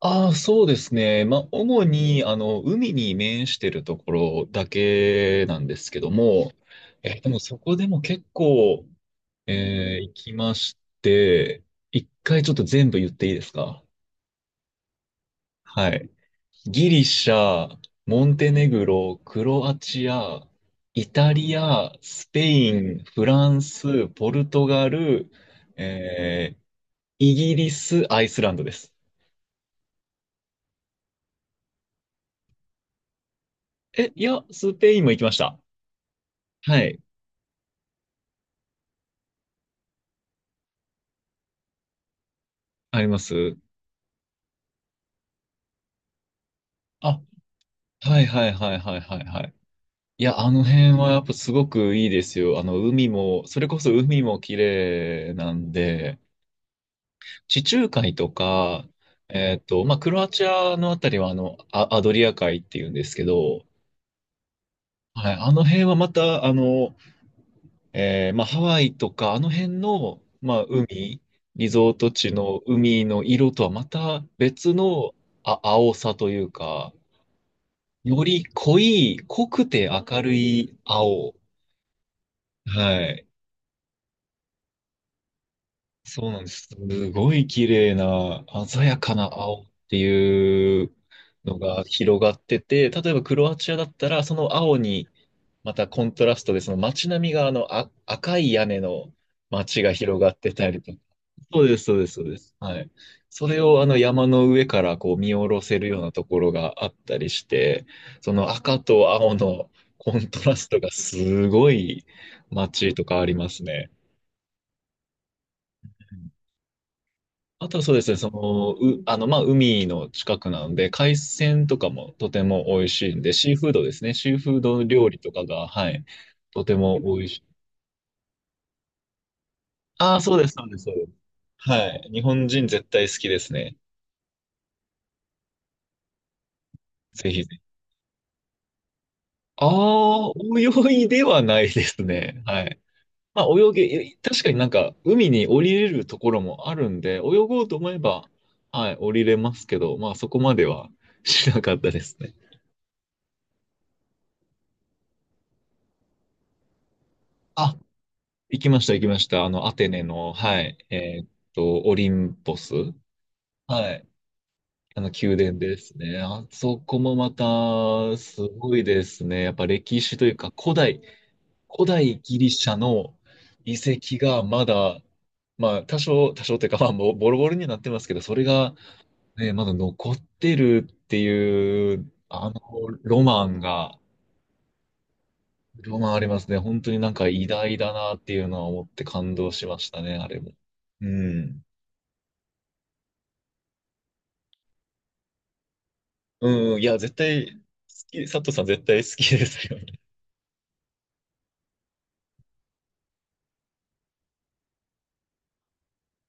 ああ、そうですね。まあ、主に、海に面してるところだけなんですけども、でもそこでも結構、行きまして、一回ちょっと全部言っていいですか？はい。ギリシャ、モンテネグロ、クロアチア、イタリア、スペイン、フランス、ポルトガル、えーイギリス、アイスランドです。え、いや、スペインも行きました。はい。あります。あ、はいはいはいはいはいはい。いや、あの辺はやっぱすごくいいですよ。あの、海も、それこそ海も綺麗なんで、地中海とか、まあ、クロアチアのあたりは、あの、アドリア海っていうんですけど、はい、あの辺はまた、まあ、ハワイとか、あの辺の、まあ、海、リゾート地の海の色とはまた別の、あ、青さというか、より濃い、濃くて明るい青。はい。そうなんです。すごい綺麗な、鮮やかな青っていうのが広がってて、例えばクロアチアだったら、その青に、またコントラストで、その街並みがあの赤い屋根の街が広がってたりとか。そうです、そうです、そうです。はい。それをあの山の上からこう見下ろせるようなところがあったりして、その赤と青のコントラストがすごい街とかありますね。あとはそうですね、その、う、あの、まあ、海の近くなので、海鮮とかもとても美味しいんで、シーフードですね、シーフード料理とかが、はい、とても美味しい。ああ、そうです、そうです、そうです。はい、日本人絶対好きですね。ぜひぜひ。ああ、泳いではないですね。はい。まあ、確かになんか、海に降りれるところもあるんで、泳ごうと思えば、はい、降りれますけど、まあ、そこまではしなかったですね。あ、行きました、行きました。あの、アテネの、はい、オリンポス。はい。あの、宮殿ですね。あそこもまた、すごいですね。やっぱ歴史というか、古代ギリシャの遺跡がまだ、まあ、多少、多少というか、まあ、もうボロボロになってますけど、それが、ね、まだ残ってるっていう、ロマンが、ロマンありますね。本当になんか偉大だなっていうのは思って感動しましたね、あれも。うん。うん、いや、絶対、佐藤さん絶対好きですよね。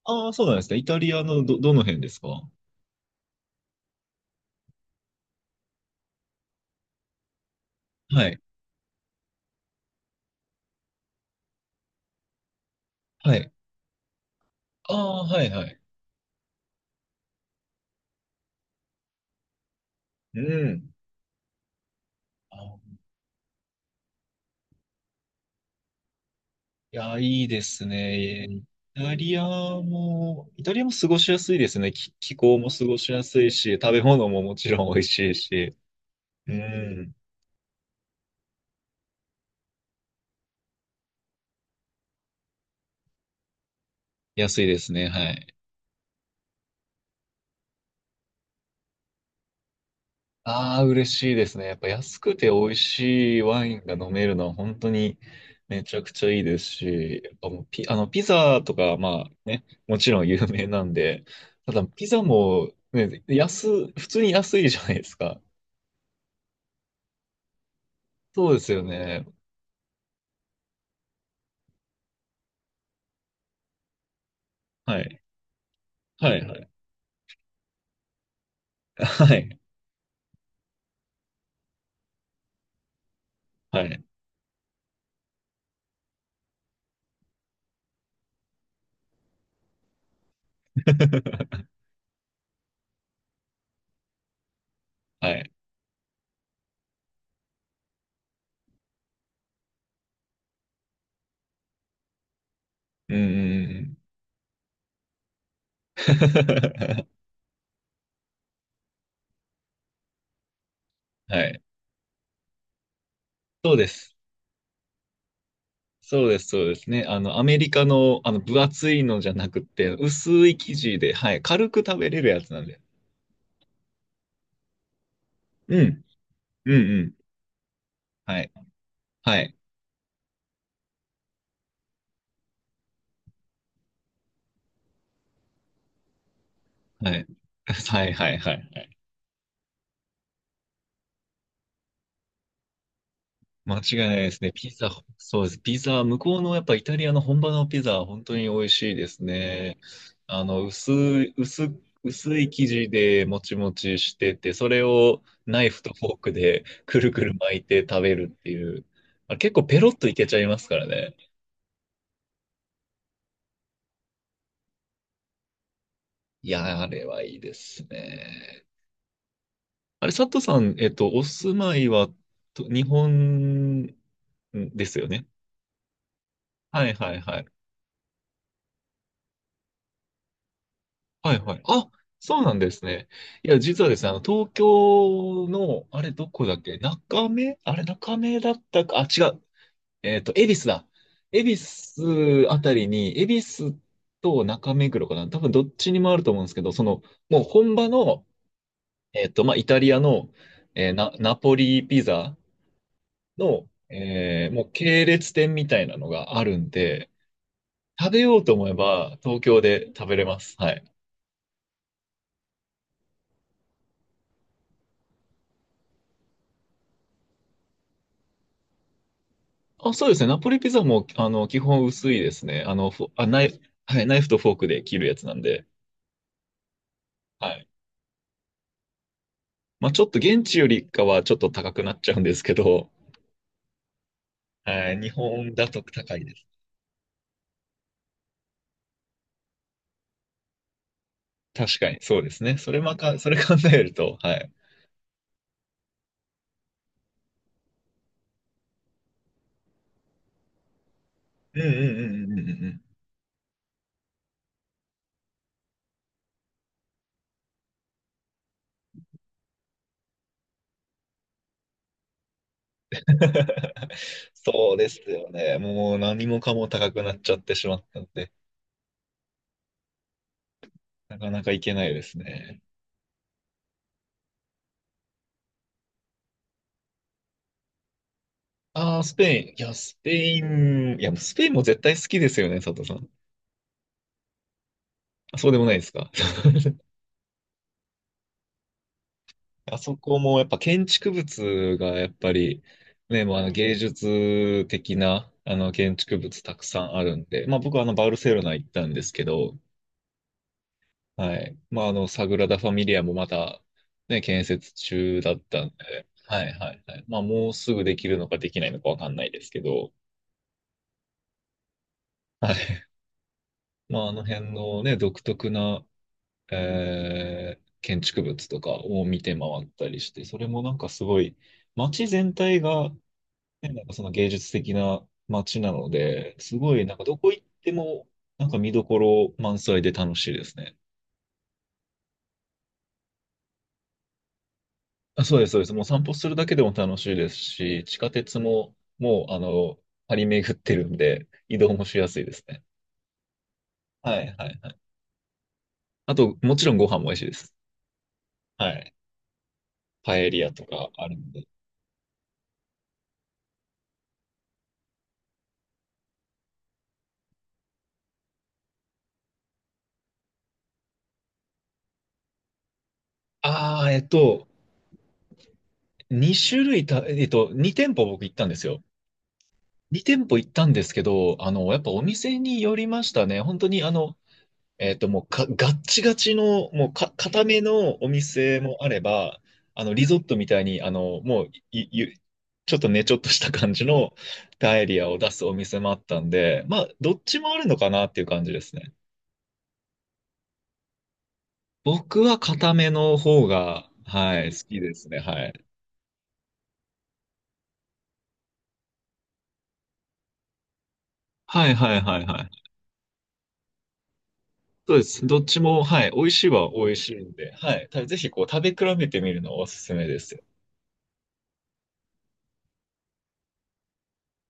ああ、そうなんですか。イタリアのどの辺ですか？はい。はい。ああ、はい、はい。うん。あ、いや、いいですね。イタリアも、イタリアも過ごしやすいですね。気候も過ごしやすいし、食べ物ももちろん美味しいし。うん。安いですね。はい。ああ、嬉しいですね。やっぱ安くて美味しいワインが飲めるのは本当にめちゃくちゃいいですし、やっぱもうピ、あの、ピザとか、まあね、もちろん有名なんで、ただピザもね、普通に安いじゃないですか。そうですよね。はい。はい、はい。はい。はい。はい。うん、うん、うん。はい。そうです。そうです、そうですね。あの、アメリカの、あの、分厚いのじゃなくて、薄い生地で、はい、軽く食べれるやつなんで。うん、うん、うん。はい、はい、はい。はい、はい、はい、はい。間違いないですね。ピザ、そうです。ピザ、向こうのやっぱイタリアの本場のピザは本当に美味しいですね。あの、薄い生地でもちもちしてて、それをナイフとフォークでくるくる巻いて食べるっていう。あれ結構ペロッといけちゃいますからね。いや、あれはいいですね。あれ、佐藤さん、お住まいはと日本ですよね？はいはいはい。はいはい。あ、そうなんですね。いや、実はですね、あの、東京の、あれ、どこだっけ中目あれ、中目だったか、あ、違う。えっと、恵比寿だ。恵比寿あたりに、恵比寿と中目黒かな。多分、どっちにもあると思うんですけど、その、もう本場の、まあ、イタリアの、えーな、ナポリピザ。の、もう系列店みたいなのがあるんで、食べようと思えば東京で食べれます。はい。あ、そうですね。ナポリピザも、あの、基本薄いですね。あの、フォあ、ナイフ、はい、ナイフとフォークで切るやつなんで。はい。まあ、ちょっと現地よりかはちょっと高くなっちゃうんですけど、はい、日本だと高いです。確かに、そうですね。それ考えると、はい。うんうんうんうんうんうん。そうですよね。もう何もかも高くなっちゃってしまったんで。なかなか行けないですね。ああ、スペイン。いや、スペイン。いや、もうスペインも絶対好きですよね、佐藤さん。あ、そうでもないですか。あそこもやっぱ建築物がやっぱり、ね、もうあの芸術的なあの建築物たくさんあるんで、まあ僕はあのバルセロナ行ったんですけど、はい。まああのサグラダ・ファミリアもまたね、建設中だったんで、はいはいはい。まあもうすぐできるのかできないのかわかんないですけど、はい。まああの辺のね、独特な建築物とかを見て回ったりして、それもなんかすごい、街全体が、ね、なんかその芸術的な街なので、すごいなんかどこ行っても、なんか見どころ満載で楽しいですね。あ、そうです、そうです。もう散歩するだけでも楽しいですし、地下鉄ももう、あの、張り巡ってるんで、移動もしやすいですね。はい、はい、はい。あと、もちろんご飯も美味しいです。はい。パエリアとかあるんで。ああ、えっと、2種類た、えっと、2店舗僕行ったんですよ。2店舗行ったんですけど、あの、やっぱお店によりましたね。本当にあの、えっと、もうか、ガッチガチの、もうか、固めのお店もあれば、あの、リゾットみたいに、あの、もう、い、ゆちょっとね、ちょっとした感じのパエリアを出すお店もあったんで、まあ、どっちもあるのかなっていう感じですね。僕は固めの方が、はい、好きですね。はい。はいはいはいはい。そうです。どっちも、はい、美味しいは美味しいんで、はい、たぜひこう食べ比べてみるのをおすすめです。